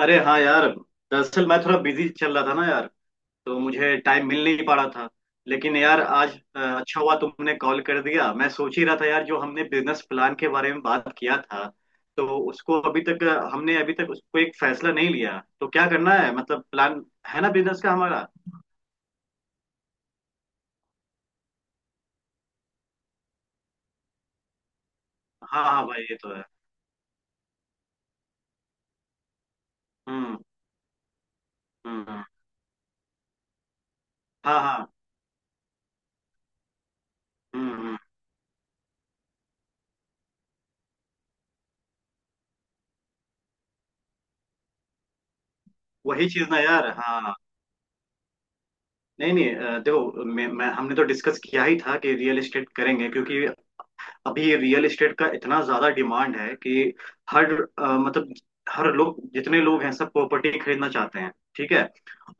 अरे हाँ यार। दरअसल मैं थोड़ा बिजी चल रहा था ना यार, तो मुझे टाइम मिल नहीं पा रहा था। लेकिन यार आज अच्छा हुआ तुमने कॉल कर दिया। मैं सोच ही रहा था यार, जो हमने बिजनेस प्लान के बारे में बात किया था तो उसको अभी तक हमने अभी तक उसको एक फैसला नहीं लिया, तो क्या करना है? मतलब प्लान है ना बिजनेस का हमारा। हाँ हाँ भाई, ये तो है। हम्म, हम्म, हाँ हाँ। हम्म, वही चीज ना यार। हाँ। नहीं नहीं, देखो, मैं हमने तो डिस्कस किया ही था कि रियल एस्टेट करेंगे, क्योंकि अभी ये रियल एस्टेट का इतना ज्यादा डिमांड है कि हर मतलब हर लोग, जितने लोग हैं, सब प्रॉपर्टी खरीदना चाहते हैं। ठीक है।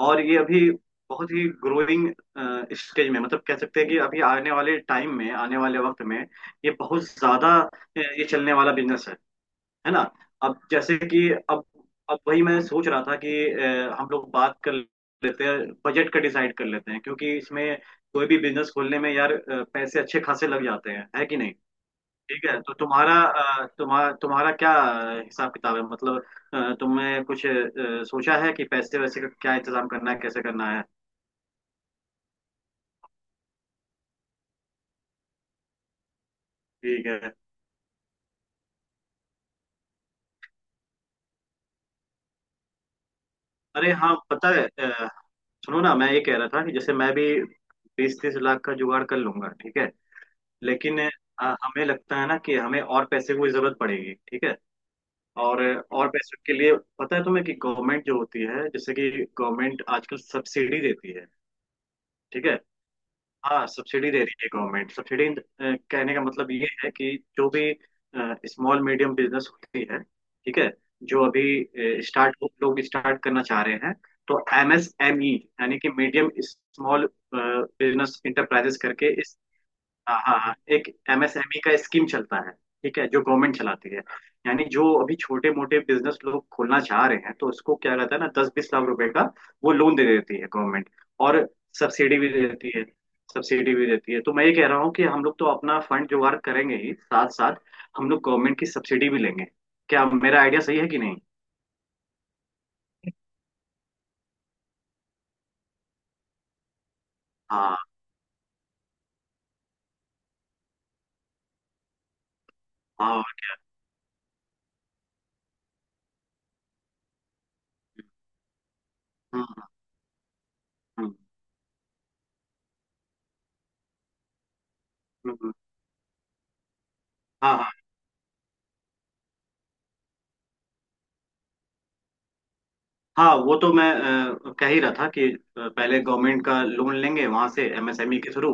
और ये अभी बहुत ही ग्रोइंग स्टेज में, मतलब कह सकते हैं कि अभी आने वाले टाइम में, आने वाले वक्त में ये बहुत ज्यादा ये चलने वाला बिजनेस है ना। अब जैसे कि अब वही मैं सोच रहा था कि हम लोग बात कर लेते हैं, बजट का डिसाइड कर लेते हैं, क्योंकि इसमें कोई भी बिजनेस खोलने में यार पैसे अच्छे खासे लग जाते हैं, है कि नहीं। ठीक है। तो तुम्हारा अ, तुम्हारा तुम्हारा क्या हिसाब किताब है? मतलब तुमने कुछ सोचा है कि पैसे वैसे का क्या इंतजाम करना है, कैसे करना है? ठीक है। अरे हाँ, पता है। सुनो ना, मैं ये कह रहा था कि जैसे मैं भी 20-30 लाख का जुगाड़ कर लूंगा। ठीक है। लेकिन हमें लगता है ना कि हमें और पैसे की जरूरत पड़ेगी। ठीक है। और और पैसे के लिए पता है तुम्हें कि गवर्नमेंट जो होती है, जैसे कि गवर्नमेंट आजकल सब्सिडी देती है। ठीक है। हाँ, सब्सिडी दे रही है गवर्नमेंट। सब्सिडी कहने का मतलब ये है कि जो भी स्मॉल मीडियम बिजनेस होती है, ठीक है, जो अभी स्टार्ट लोग स्टार्ट करना चाह रहे हैं, तो एमएसएमई, यानी कि मीडियम स्मॉल बिजनेस इंटरप्राइजेस करके इस, हाँ हाँ हाँ, एक एमएसएमई का स्कीम चलता है। ठीक है, जो गवर्नमेंट चलाती है। यानी जो अभी छोटे मोटे बिजनेस लोग खोलना चाह रहे हैं, तो उसको क्या रहता है ना, 10-20 लाख रुपए का वो लोन दे देती है गवर्नमेंट। और सब्सिडी भी दे देती है, सब्सिडी भी देती है। तो मैं ये कह रहा हूँ कि हम लोग तो अपना फंड जुगाड़ करेंगे ही, साथ साथ हम लोग गवर्नमेंट की सब्सिडी भी लेंगे। क्या मेरा आइडिया सही है कि नहीं? हाँ हाँ, हम्म, हम्म, हम्म, हम्म, हाँ हाँ। वो तो मैं कह ही रहा था कि पहले गवर्नमेंट का लोन लेंगे वहां से एमएसएमई के थ्रू,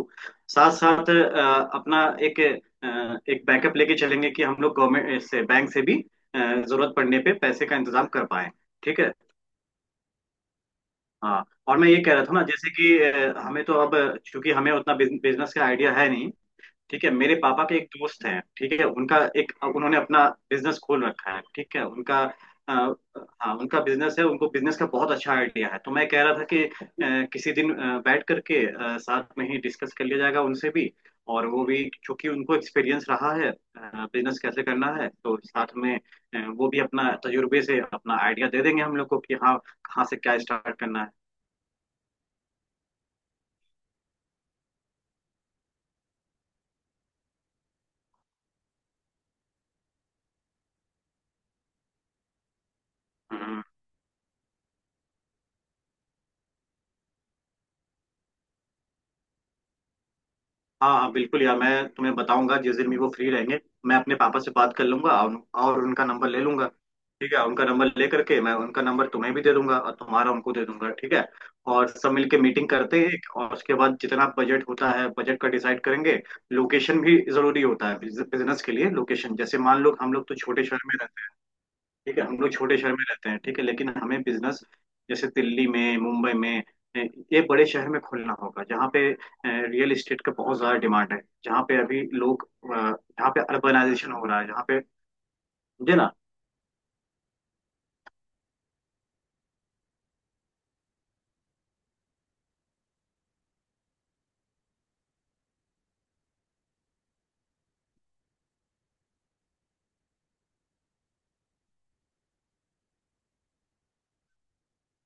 साथ साथ अपना एक एक बैकअप लेके चलेंगे कि हम लोग गवर्नमेंट से, बैंक से भी जरूरत पड़ने पे पैसे का इंतजाम कर पाए। ठीक है। हाँ, और मैं ये कह रहा था ना, जैसे कि हमें तो अब, चूंकि हमें उतना बिजनेस का आइडिया है नहीं। ठीक है, मेरे पापा के एक दोस्त हैं, ठीक है, उनका एक उन्होंने अपना बिजनेस खोल रखा है। ठीक है, उनका अ, हाँ, उनका बिजनेस है, उनको बिजनेस का बहुत अच्छा आइडिया है। तो मैं कह रहा था कि किसी दिन बैठ करके साथ में ही डिस्कस कर लिया जाएगा उनसे भी। और वो भी, क्योंकि उनको एक्सपीरियंस रहा है बिजनेस कैसे करना है, तो साथ में वो भी अपना तजुर्बे से अपना आइडिया दे देंगे हम लोग को कि हाँ, कहाँ से क्या स्टार्ट करना है। हम्म। हाँ हाँ, बिल्कुल यार, मैं तुम्हें बताऊंगा जिस दिन भी वो फ्री रहेंगे। मैं अपने पापा से बात कर लूंगा और उनका नंबर ले लूंगा। ठीक है, उनका नंबर ले करके मैं उनका नंबर तुम्हें भी दे दूंगा और तुम्हारा उनको दे दूंगा। ठीक है, और सब मिलके मीटिंग करते हैं एक, और उसके बाद जितना बजट होता है, बजट का डिसाइड करेंगे। लोकेशन भी जरूरी होता है बिजनेस के लिए, लोकेशन। जैसे मान लो हम लोग तो छोटे शहर में, ठीक है, हम लोग छोटे शहर में रहते हैं, ठीक है, लेकिन हमें बिजनेस जैसे दिल्ली में, मुंबई में, अ, ये बड़े शहर में खोलना होगा, जहाँ पे रियल एस्टेट का बहुत ज्यादा डिमांड है, जहाँ पे अभी लोग जहाँ पे अर्बनाइजेशन हो रहा है, जहाँ पे, समझे ना।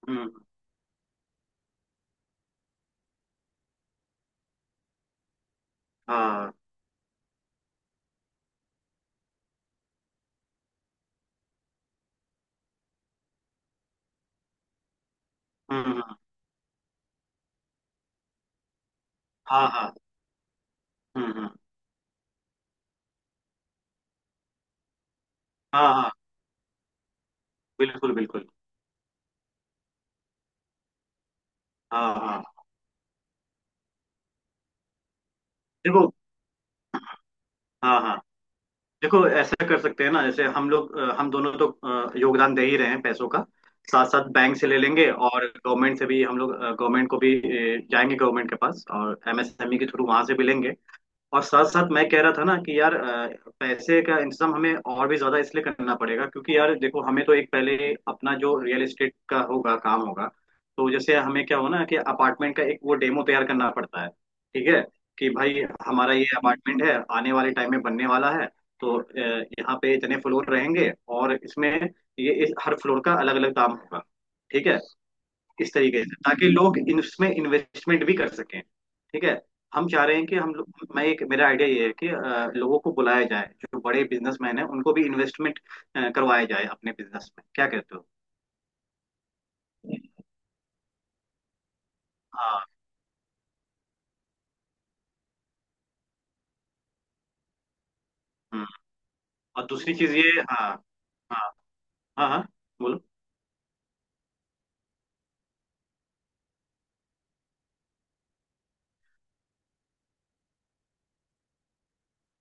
हम्म, हाँ, हम्म, हाँ हाँ, हम्म, हाँ हाँ, बिल्कुल बिल्कुल। हाँ हाँ, देखो। हाँ हाँ, देखो, ऐसा कर सकते हैं ना, जैसे हम दोनों तो योगदान दे ही रहे हैं पैसों का, साथ साथ बैंक से ले लेंगे और गवर्नमेंट से भी हम लोग गवर्नमेंट को भी जाएंगे गवर्नमेंट के पास, और एमएसएमई के थ्रू वहां से भी लेंगे। और साथ साथ मैं कह रहा था ना कि यार पैसे का इंतजाम हमें और भी ज्यादा इसलिए करना पड़ेगा क्योंकि यार देखो, हमें तो एक पहले अपना जो रियल एस्टेट का होगा, काम होगा, तो जैसे हमें क्या हो ना कि अपार्टमेंट का एक वो डेमो तैयार करना पड़ता है। ठीक है, कि भाई हमारा ये अपार्टमेंट है, आने वाले टाइम में बनने वाला है, तो यहाँ पे इतने फ्लोर रहेंगे। और इसमें ये इस हर फ्लोर का अलग अलग दाम होगा। ठीक है, इस तरीके से ताकि लोग इसमें इन्वेस्टमेंट भी कर सकें। ठीक है, हम चाह रहे हैं कि हम लोग मैं एक मेरा आइडिया ये है कि लोगों को बुलाया जाए जो बड़े बिजनेसमैन हैं, उनको भी इन्वेस्टमेंट करवाया जाए अपने बिजनेस में। क्या कहते हो? हाँ। हम्म। और दूसरी चीज ये, हाँ। हाँ हाँ, हाँ, बोलो।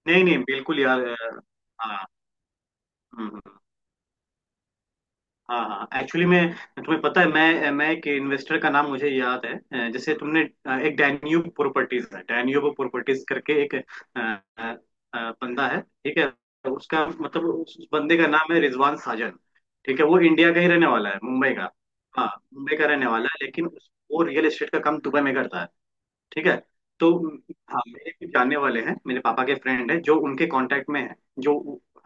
नहीं नहीं, बिल्कुल यार, हाँ, हम्म, हम्म। हाँ हाँ, एक्चुअली मैं, तुम्हें पता है, मैं एक इन्वेस्टर का नाम मुझे याद है। जैसे तुमने एक डैन्यूब प्रॉपर्टीज है, डैन्यूब प्रॉपर्टीज करके एक अ, बंदा है, ठीक है। उसका मतलब उस बंदे का नाम है रिजवान साजन। ठीक है, वो इंडिया का ही रहने वाला है, मुंबई का। हाँ, मुंबई का रहने वाला है, लेकिन वो रियल एस्टेट का काम दुबई में करता है। ठीक है। तो हाँ, मेरे कुछ जानने वाले हैं, मेरे पापा के फ्रेंड हैं जो उनके कांटेक्ट में है, जो,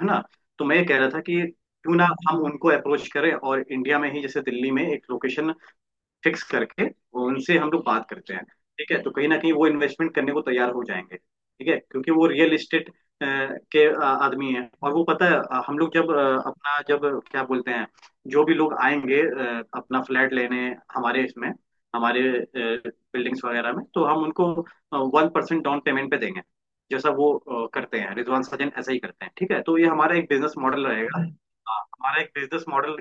है ना। तो मैं ये कह रहा था कि क्यों ना हम उनको अप्रोच करें, और इंडिया में ही जैसे दिल्ली में एक लोकेशन फिक्स करके वो, उनसे हम लोग बात करते हैं। ठीक है, तो कहीं ना कहीं वो इन्वेस्टमेंट करने को तैयार हो जाएंगे। ठीक है, क्योंकि वो रियल इस्टेट के आदमी हैं। और वो पता है, हम लोग जब अपना, जब क्या बोलते हैं, जो भी लोग आएंगे अपना फ्लैट लेने, हमारे इसमें, हमारे बिल्डिंग्स वगैरह में, तो हम उनको 1% डाउन पेमेंट पे देंगे, जैसा वो करते हैं, रिजवान सजन ऐसा ही करते हैं। ठीक है, तो ये हमारा एक बिजनेस मॉडल रहेगा। हाँ, हमारा एक बिजनेस मॉडल,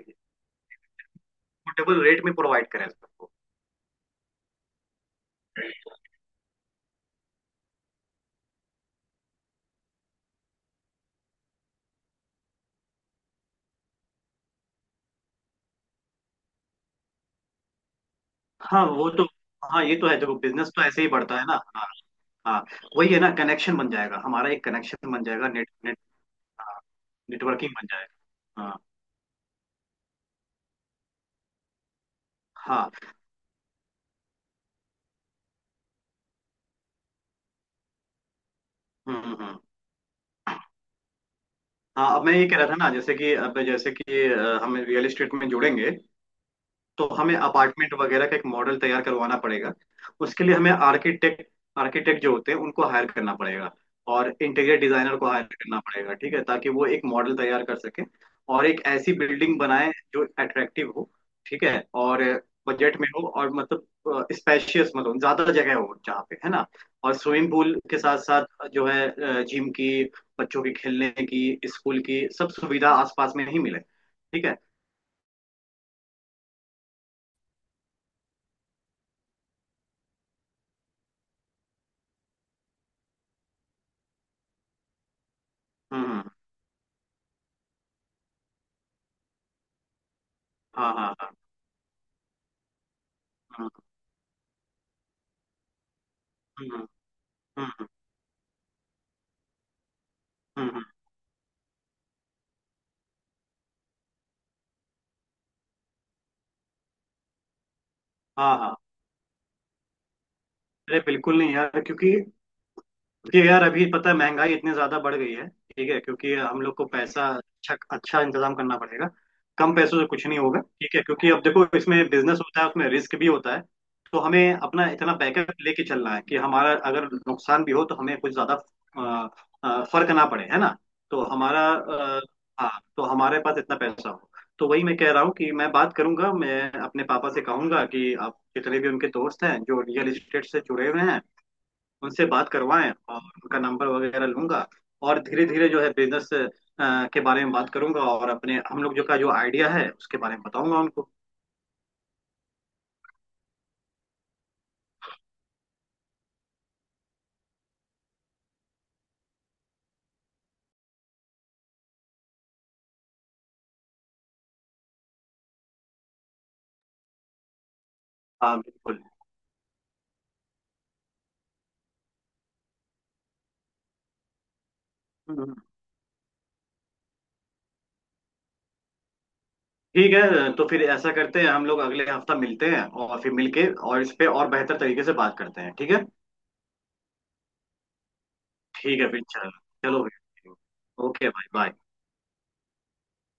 पोर्टेबल रेट में प्रोवाइड करें सबको। हाँ, वो तो। हाँ, ये तो है, देखो बिजनेस तो ऐसे ही बढ़ता है ना। हाँ। हाँ, वही है ना, कनेक्शन बन जाएगा, हमारा एक कनेक्शन बन जाएगा, नेट नेट नेटवर्किंग बन जाएगा। हाँ। हाँ, हम्म, हम्म, हाँ, अब मैं ये कह रहा था ना, जैसे कि अब, जैसे कि हम रियल एस्टेट में जुड़ेंगे तो हमें अपार्टमेंट वगैरह का एक मॉडल तैयार करवाना पड़ेगा। उसके लिए हमें आर्किटेक्ट, आर्किटेक्ट जो होते हैं उनको हायर करना पड़ेगा, और इंटीरियर डिजाइनर को हायर करना पड़ेगा। ठीक है, ताकि वो एक मॉडल तैयार कर सके और एक ऐसी बिल्डिंग बनाए जो अट्रैक्टिव हो। ठीक है, और बजट में हो, और मतलब स्पेशियस, मतलब ज्यादा जगह हो, जहाँ पे, है ना। और स्विमिंग पूल के साथ साथ, जो है, जिम की, बच्चों के खेलने की, स्कूल की, सब सुविधा आसपास में ही मिले। ठीक है। हम्म, हाँ हाँ, हाँ, हाँ। हम्म, हम्म, हम्म, हम्म, हाँ हाँ। अरे बिल्कुल नहीं यार, क्योंकि कि यार अभी पता है, महंगाई इतनी ज्यादा बढ़ गई है। ठीक है, क्योंकि हम लोग को पैसा अच्छा अच्छा इंतजाम करना पड़ेगा, कम पैसों से कुछ नहीं होगा। ठीक है, क्योंकि अब देखो, इसमें बिजनेस होता है, उसमें रिस्क भी होता है। तो हमें अपना इतना बैकअप लेके चलना है कि हमारा अगर नुकसान भी हो तो हमें कुछ ज्यादा अ, फर्क ना पड़े, है ना। तो हमारा हाँ, तो हमारे पास इतना पैसा हो। तो वही मैं कह रहा हूँ कि मैं बात करूंगा, मैं अपने पापा से कहूंगा कि आप जितने भी उनके दोस्त हैं जो रियल एस्टेट से जुड़े हुए हैं, उनसे बात करवाएं, और उनका नंबर वगैरह लूंगा। और धीरे धीरे जो है बिजनेस के बारे में बात करूंगा, और अपने हम लोग जो का जो आइडिया है उसके बारे में बताऊंगा उनको। हाँ, बिल्कुल। हम्म। ठीक है, तो फिर ऐसा करते हैं, हम लोग अगले हफ्ता मिलते हैं, और फिर मिलके और इस पे और बेहतर तरीके से बात करते हैं। ठीक है, ठीक है फिर। चलो, चलो भाई, ओके भाई, बाय।